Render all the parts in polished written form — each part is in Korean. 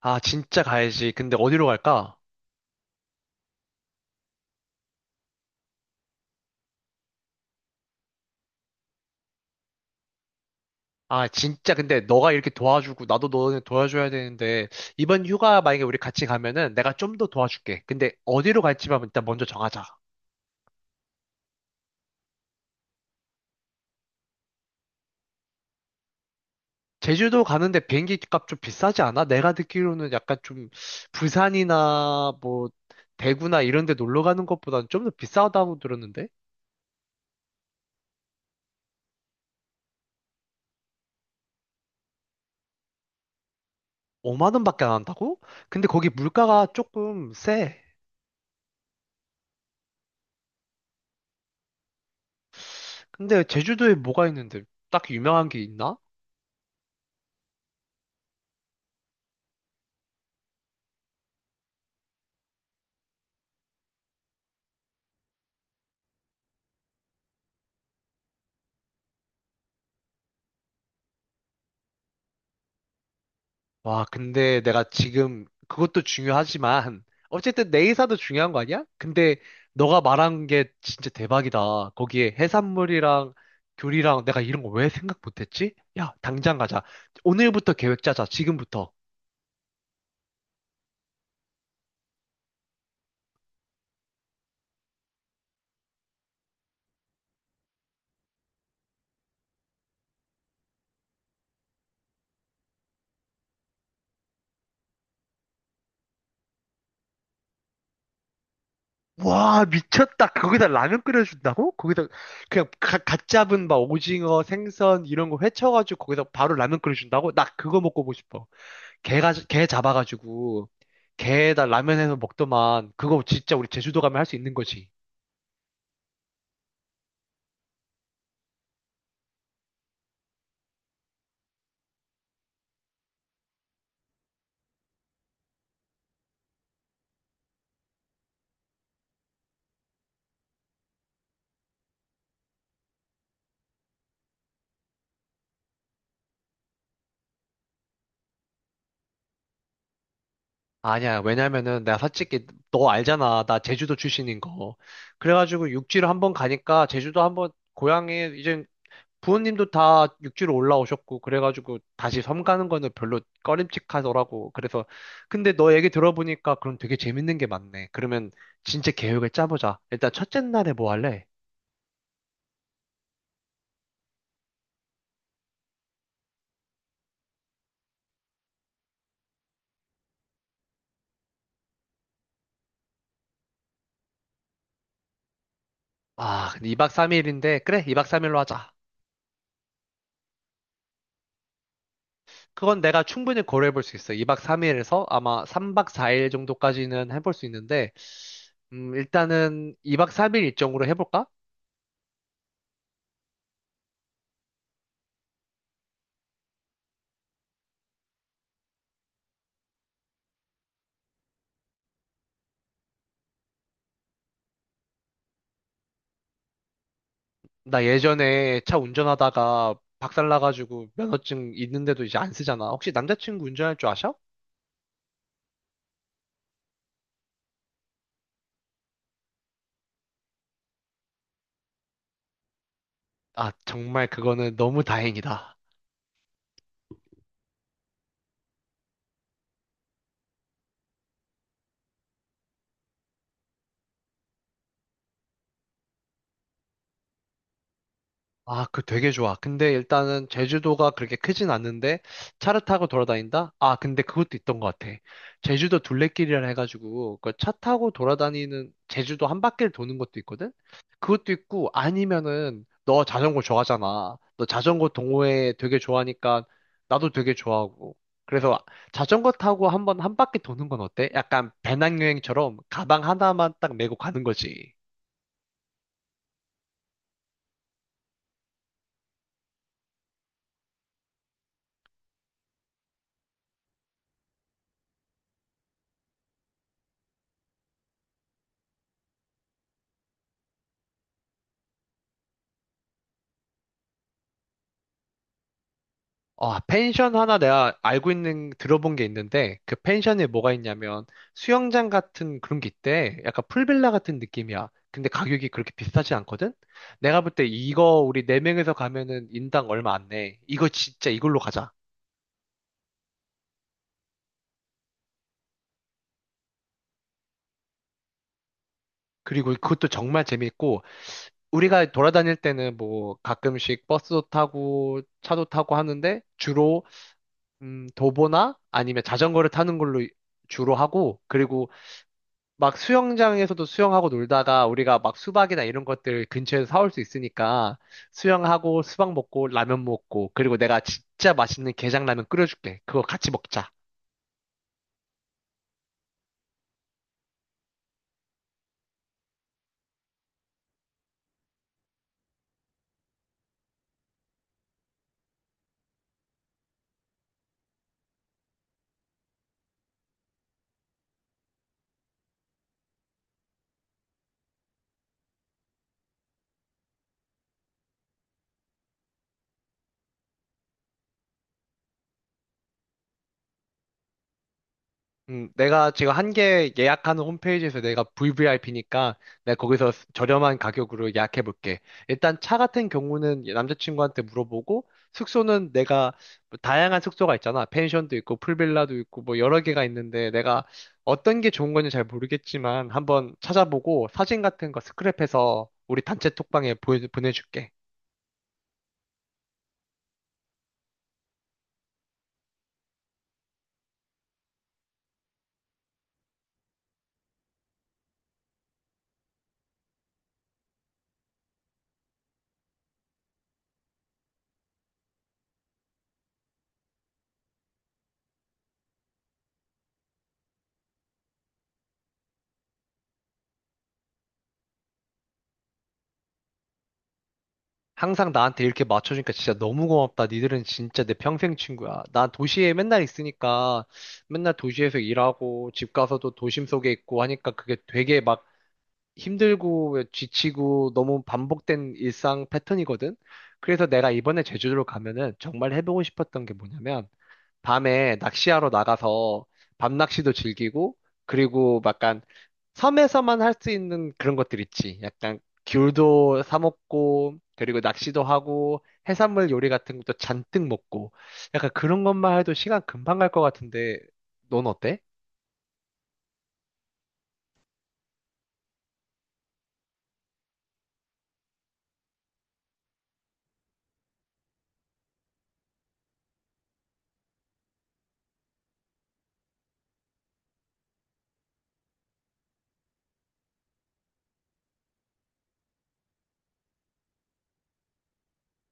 아, 진짜 가야지. 근데 어디로 갈까? 아, 진짜 근데 너가 이렇게 도와주고 나도 너네 도와줘야 되는데 이번 휴가 만약에 우리 같이 가면은 내가 좀 더 도와줄게. 근데 어디로 갈지만 일단 먼저 정하자. 제주도 가는데 비행기 값 좀 비싸지 않아? 내가 듣기로는 약간 좀 부산이나 뭐 대구나 이런 데 놀러 가는 것보다는 좀 더 비싸다고 들었는데? 5만 원밖에 안 한다고? 근데 거기 물가가 조금 세. 근데 제주도에 뭐가 있는데 딱히 유명한 게 있나? 와, 근데 내가 지금 그것도 중요하지만 어쨌든 내 의사도 중요한 거 아니야? 근데 너가 말한 게 진짜 대박이다. 거기에 해산물이랑 교리랑 내가 이런 거 왜 생각 못했지? 야, 당장 가자. 오늘부터 계획 짜자. 지금부터. 와, 미쳤다. 거기다 라면 끓여준다고? 거기다 그냥 갓 잡은 막 오징어, 생선 이런 거 회쳐가지고 거기다 바로 라면 끓여준다고? 나 그거 먹고 보고 싶어. 개 잡아가지고, 개에다 라면 해서 먹더만, 그거 진짜 우리 제주도 가면 할 수 있는 거지. 아니야, 왜냐면은 내가 솔직히 너 알잖아. 나 제주도 출신인 거. 그래가지고 육지로 한번 가니까 제주도 한번 고향에 이제 부모님도 다 육지로 올라오셨고, 그래가지고 다시 섬 가는 거는 별로 꺼림칙하더라고. 그래서, 근데 너 얘기 들어보니까 그럼 되게 재밌는 게 많네. 그러면 진짜 계획을 짜보자. 일단 첫째 날에 뭐 할래? 아, 근데 2박 3일인데, 그래, 2박 3일로 하자. 그건 내가 충분히 고려해 볼 수 있어. 2박 3일에서 아마 3박 4일 정도까지는 해볼 수 있는데, 일단은 2박 3일 일정으로 해볼까? 나 예전에 차 운전하다가 박살나가지고 면허증 있는데도 이제 안 쓰잖아. 혹시 남자친구 운전할 줄 아셔? 아, 정말 그거는 너무 다행이다. 아, 그 되게 좋아. 근데 일단은 제주도가 그렇게 크진 않는데 차를 타고 돌아다닌다? 아, 근데 그것도 있던 것 같아. 제주도 둘레길이라 해가지고 그 차 타고 돌아다니는 제주도 한 바퀴를 도는 것도 있거든? 그것도 있고 아니면은 너 자전거 좋아하잖아. 너 자전거 동호회 되게 좋아하니까 나도 되게 좋아하고. 그래서 자전거 타고 한번 한 바퀴 도는 건 어때? 약간 배낭여행처럼 가방 하나만 딱 메고 가는 거지. 아, 펜션 하나 내가 알고 있는, 들어본 게 있는데, 그 펜션에 뭐가 있냐면, 수영장 같은 그런 게 있대. 약간 풀빌라 같은 느낌이야. 근데 가격이 그렇게 비싸지 않거든? 내가 볼 때 이거 우리 네명에서 가면은 인당 얼마 안 내. 이거 진짜 이걸로 가자. 그리고 그것도 정말 재밌고, 우리가 돌아다닐 때는 뭐 가끔씩 버스도 타고, 차도 타고 하는데, 주로, 도보나 아니면 자전거를 타는 걸로 주로 하고, 그리고 막 수영장에서도 수영하고 놀다가 우리가 막 수박이나 이런 것들 근처에서 사올 수 있으니까 수영하고 수박 먹고 라면 먹고 그리고 내가 진짜 맛있는 게장라면 끓여줄게. 그거 같이 먹자. 내가 지금 한 개 예약하는 홈페이지에서 내가 VVIP니까 내가 거기서 저렴한 가격으로 예약해 볼게. 일단 차 같은 경우는 남자친구한테 물어보고 숙소는 내가 뭐 다양한 숙소가 있잖아. 펜션도 있고 풀빌라도 있고 뭐 여러 개가 있는데 내가 어떤 게 좋은 건지 잘 모르겠지만 한번 찾아보고 사진 같은 거 스크랩해서 우리 단체 톡방에 보 보내줄게. 항상 나한테 이렇게 맞춰주니까 진짜 너무 고맙다. 니들은 진짜 내 평생 친구야. 난 도시에 맨날 있으니까 맨날 도시에서 일하고 집 가서도 도심 속에 있고 하니까 그게 되게 막 힘들고 지치고 너무 반복된 일상 패턴이거든. 그래서 내가 이번에 제주도로 가면은 정말 해보고 싶었던 게 뭐냐면 밤에 낚시하러 나가서 밤낚시도 즐기고 그리고 약간 섬에서만 할 수 있는 그런 것들 있지. 약간 귤도 사 먹고 그리고 낚시도 하고 해산물 요리 같은 것도 잔뜩 먹고 약간 그런 것만 해도 시간 금방 갈 것 같은데 넌 어때?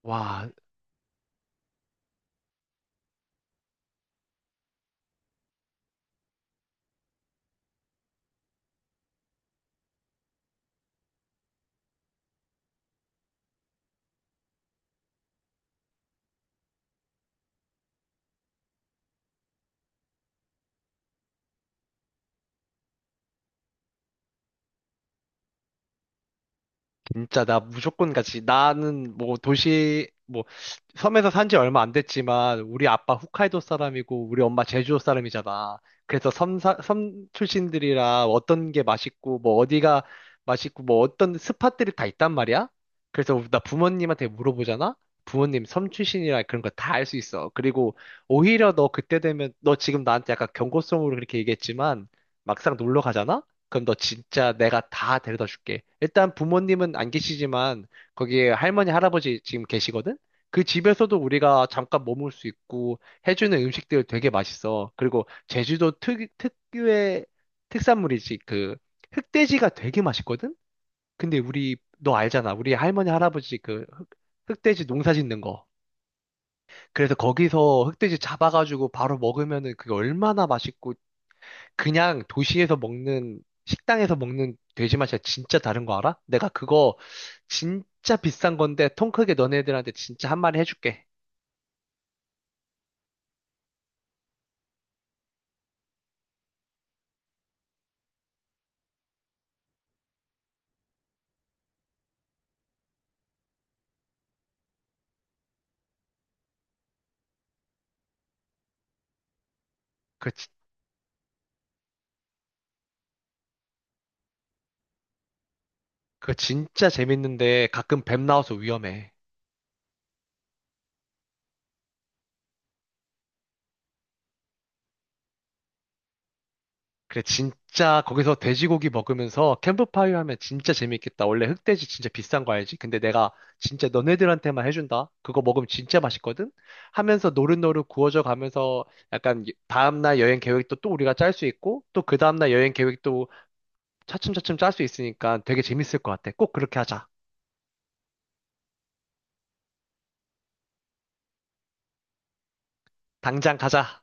와, 진짜 나 무조건 같이 나는 뭐 도시 뭐 섬에서 산지 얼마 안 됐지만 우리 아빠 홋카이도 사람이고 우리 엄마 제주도 사람이잖아. 그래서 섬 출신들이라 어떤 게 맛있고 뭐 어디가 맛있고 뭐 어떤 스팟들이 다 있단 말이야. 그래서 나 부모님한테 물어보잖아. 부모님 섬 출신이라 그런 거 다 알 수 있어. 그리고 오히려 너 그때 되면 너 지금 나한테 약간 경고성으로 그렇게 얘기했지만 막상 놀러 가잖아. 그럼 너 진짜 내가 다 데려다 줄게. 일단 부모님은 안 계시지만 거기에 할머니, 할아버지 지금 계시거든? 그 집에서도 우리가 잠깐 머물 수 있고 해주는 음식들 되게 맛있어. 그리고 제주도 특유의 특산물이지. 그 흑돼지가 되게 맛있거든? 근데 우리, 너 알잖아. 우리 할머니, 할아버지 그 흑돼지 농사 짓는 거. 그래서 거기서 흑돼지 잡아가지고 바로 먹으면은 그게 얼마나 맛있고 그냥 도시에서 먹는, 식당에서 먹는 돼지 맛이랑 진짜 다른 거 알아? 내가 그거 진짜 비싼 건데 통 크게 너네들한테 진짜 한 마리 해줄게. 그 그거 진짜 재밌는데 가끔 뱀 나와서 위험해. 그래, 진짜 거기서 돼지고기 먹으면서 캠프파이어 하면 진짜 재밌겠다. 원래 흑돼지 진짜 비싼 거 알지? 근데 내가 진짜 너네들한테만 해준다. 그거 먹으면 진짜 맛있거든? 하면서 노릇노릇 구워져 가면서 약간 다음날 여행 계획도 또 우리가 짤 수 있고 또 그 다음날 여행 계획도 차츰차츰 짤 수 있으니까 되게 재밌을 것 같아. 꼭 그렇게 하자. 당장 가자.